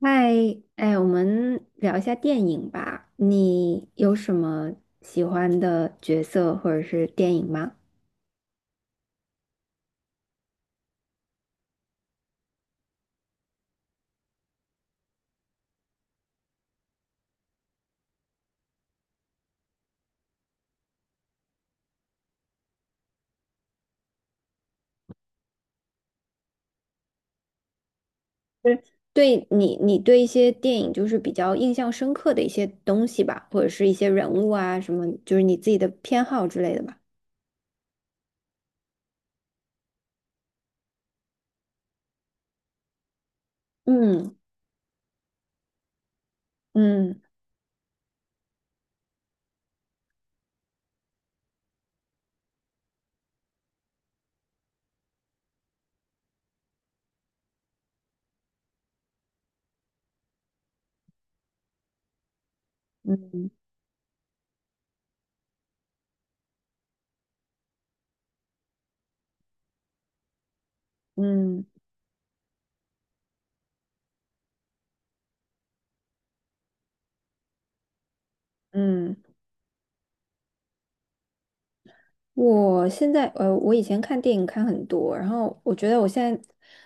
嗨，哎，我们聊一下电影吧。你有什么喜欢的角色或者是电影吗？就是对你，你对一些电影就是比较印象深刻的一些东西吧，或者是一些人物啊什么，就是你自己的偏好之类的吧。嗯嗯嗯嗯嗯，我现在我以前看电影看很多，然后我觉得我现在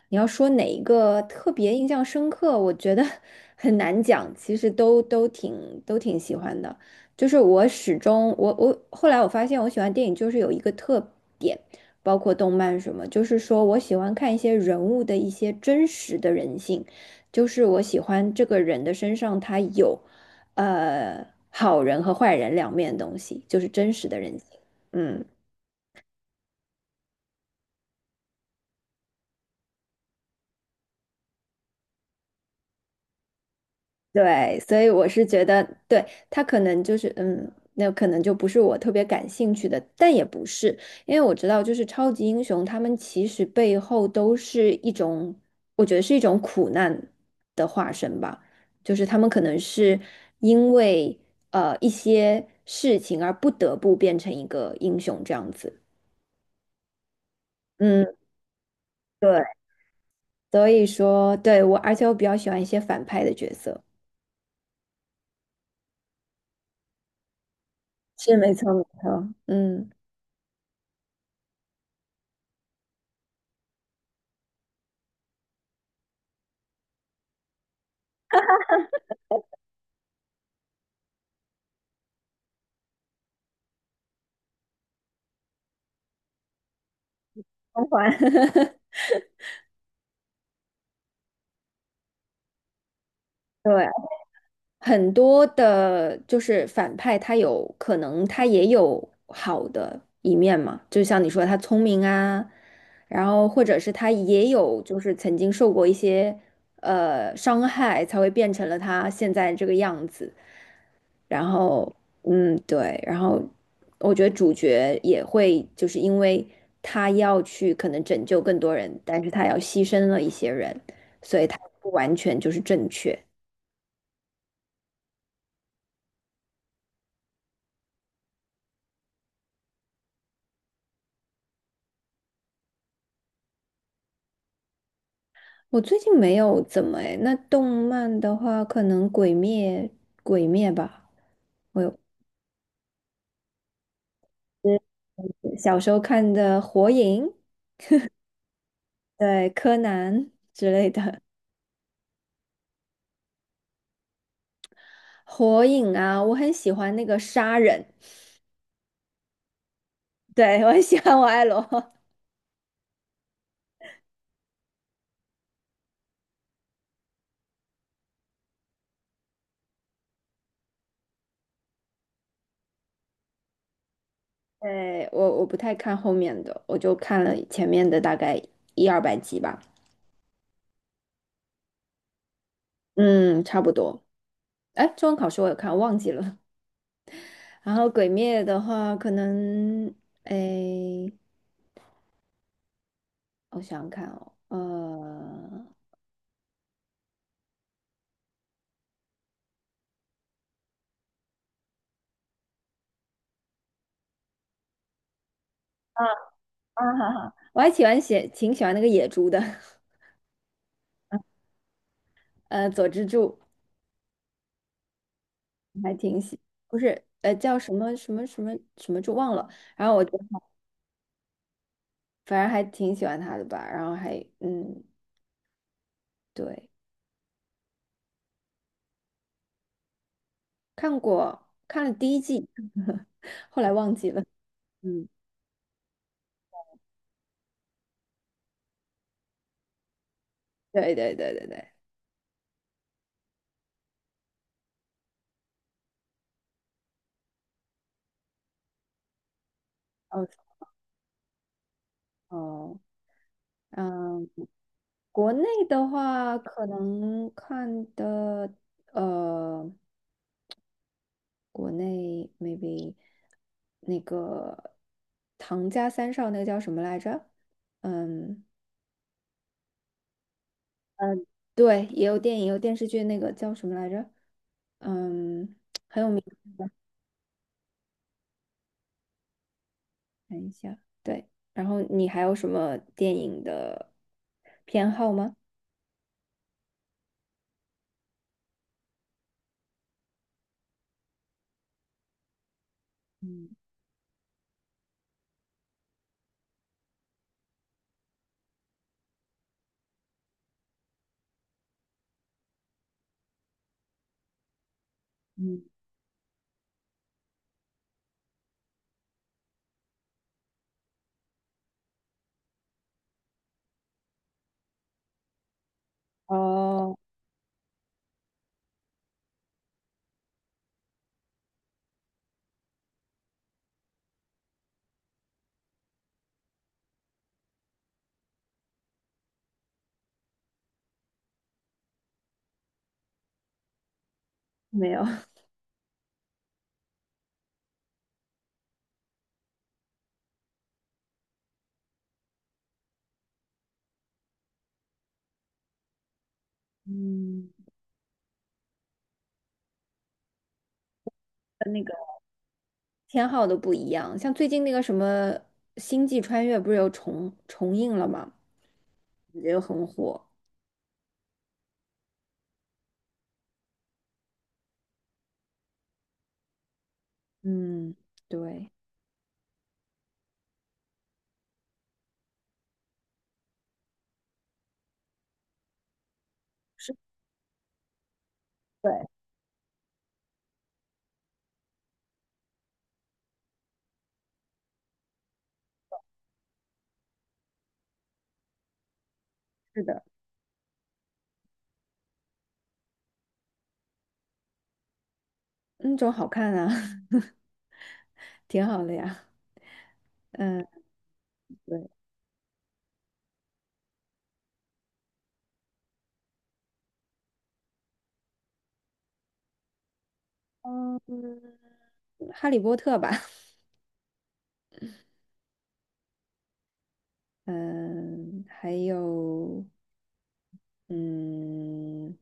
你要说哪一个特别印象深刻，我觉得 很难讲，其实都挺喜欢的。就是我后来发现我喜欢电影就是有一个特点，包括动漫什么，就是说我喜欢看一些人物的一些真实的人性，就是我喜欢这个人的身上他有好人和坏人两面的东西，就是真实的人性。嗯。对，所以我是觉得，对，他可能就是，嗯，那可能就不是我特别感兴趣的，但也不是，因为我知道，就是超级英雄，他们其实背后都是一种，我觉得是一种苦难的化身吧，就是他们可能是因为一些事情而不得不变成一个英雄这样子。嗯，对，所以说，对，而且我比较喜欢一些反派的角色，是没错没错，嗯，光环。对，很多的，就是反派，他有可能他也有好的一面嘛，就像你说他聪明啊，然后或者是他也有就是曾经受过一些伤害，才会变成了他现在这个样子。然后，嗯，对，然后我觉得主角也会就是因为他要去可能拯救更多人，但是他要牺牲了一些人，所以他不完全就是正确。我最近没有怎么诶，那动漫的话，可能《鬼灭》吧，我有嗯小时候看的《火影》、对《柯南 <laughs>》之类的。《火影》啊，我很喜欢那个杀人，对我很喜欢我爱罗。对，我我不太看后面的，我就看了前面的大概一二百集吧，嗯，差不多。哎，中文考试我有看，忘记了。然后《鬼灭》的话，可能诶。我想想看，哦，呃，啊，哈哈，我还喜欢写，挺喜欢那个野猪的，佐之助，我还挺喜，不是，叫什么什么什么什么猪忘了，然后我就反正还挺喜欢他的吧，然后还嗯，对。看过看了第一季，后来忘记了 嗯，对对对对对，哦哦，嗯，国内的话可能看的呃。国内 maybe 那个唐家三少那个叫什么来着？嗯，嗯，对，也有电影，有电视剧，那个叫什么来着？嗯，很有名，看一下。对，然后你还有什么电影的偏好吗？嗯，哦，没有，嗯，跟那个，偏好都不一样。像最近那个什么《星际穿越》不是又重映了吗？也很火。嗯，对。是。对，是的，那种好看啊，挺好的呀。嗯，对，嗯，哈利波特吧，嗯，还有，嗯，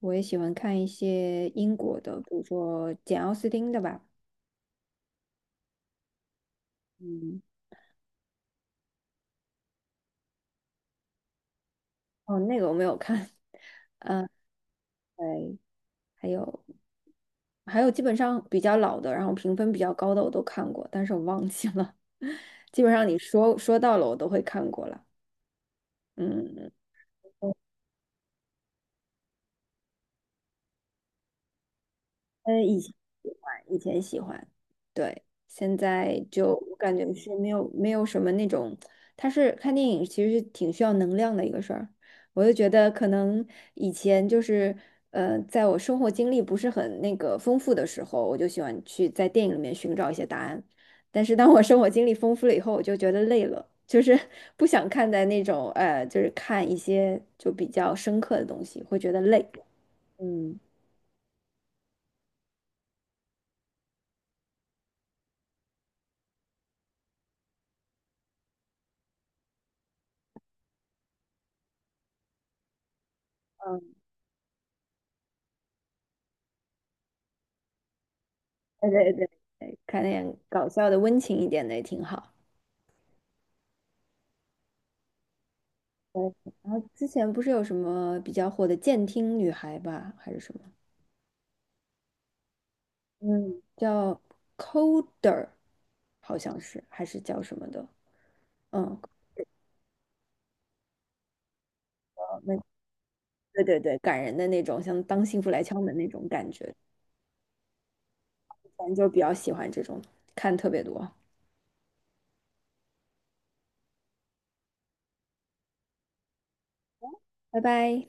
我也喜欢看一些英国的，比如说简奥斯汀的吧，嗯，哦，那个我没有看，嗯，对，还有，还有基本上比较老的，然后评分比较高的我都看过，但是我忘记了，基本上你说说到了我都会看过了。嗯，以前喜欢，以前喜欢，对，现在就我感觉是没有什么那种，它是看电影其实是挺需要能量的一个事儿，我就觉得可能以前就是在我生活经历不是很那个丰富的时候，我就喜欢去在电影里面寻找一些答案，但是当我生活经历丰富了以后，我就觉得累了，就是 不想看在那种就是看一些就比较深刻的东西，会觉得累，嗯。对对对，对看点搞笑的、温情一点的也挺好。对，然后之前不是有什么比较火的监听女孩吧，还是什么？嗯，叫 Coder,好像是，还是叫什么的？嗯，哦那对对对，感人的那种，像当幸福来敲门那种感觉，反正就比较喜欢这种，看特别多。拜拜。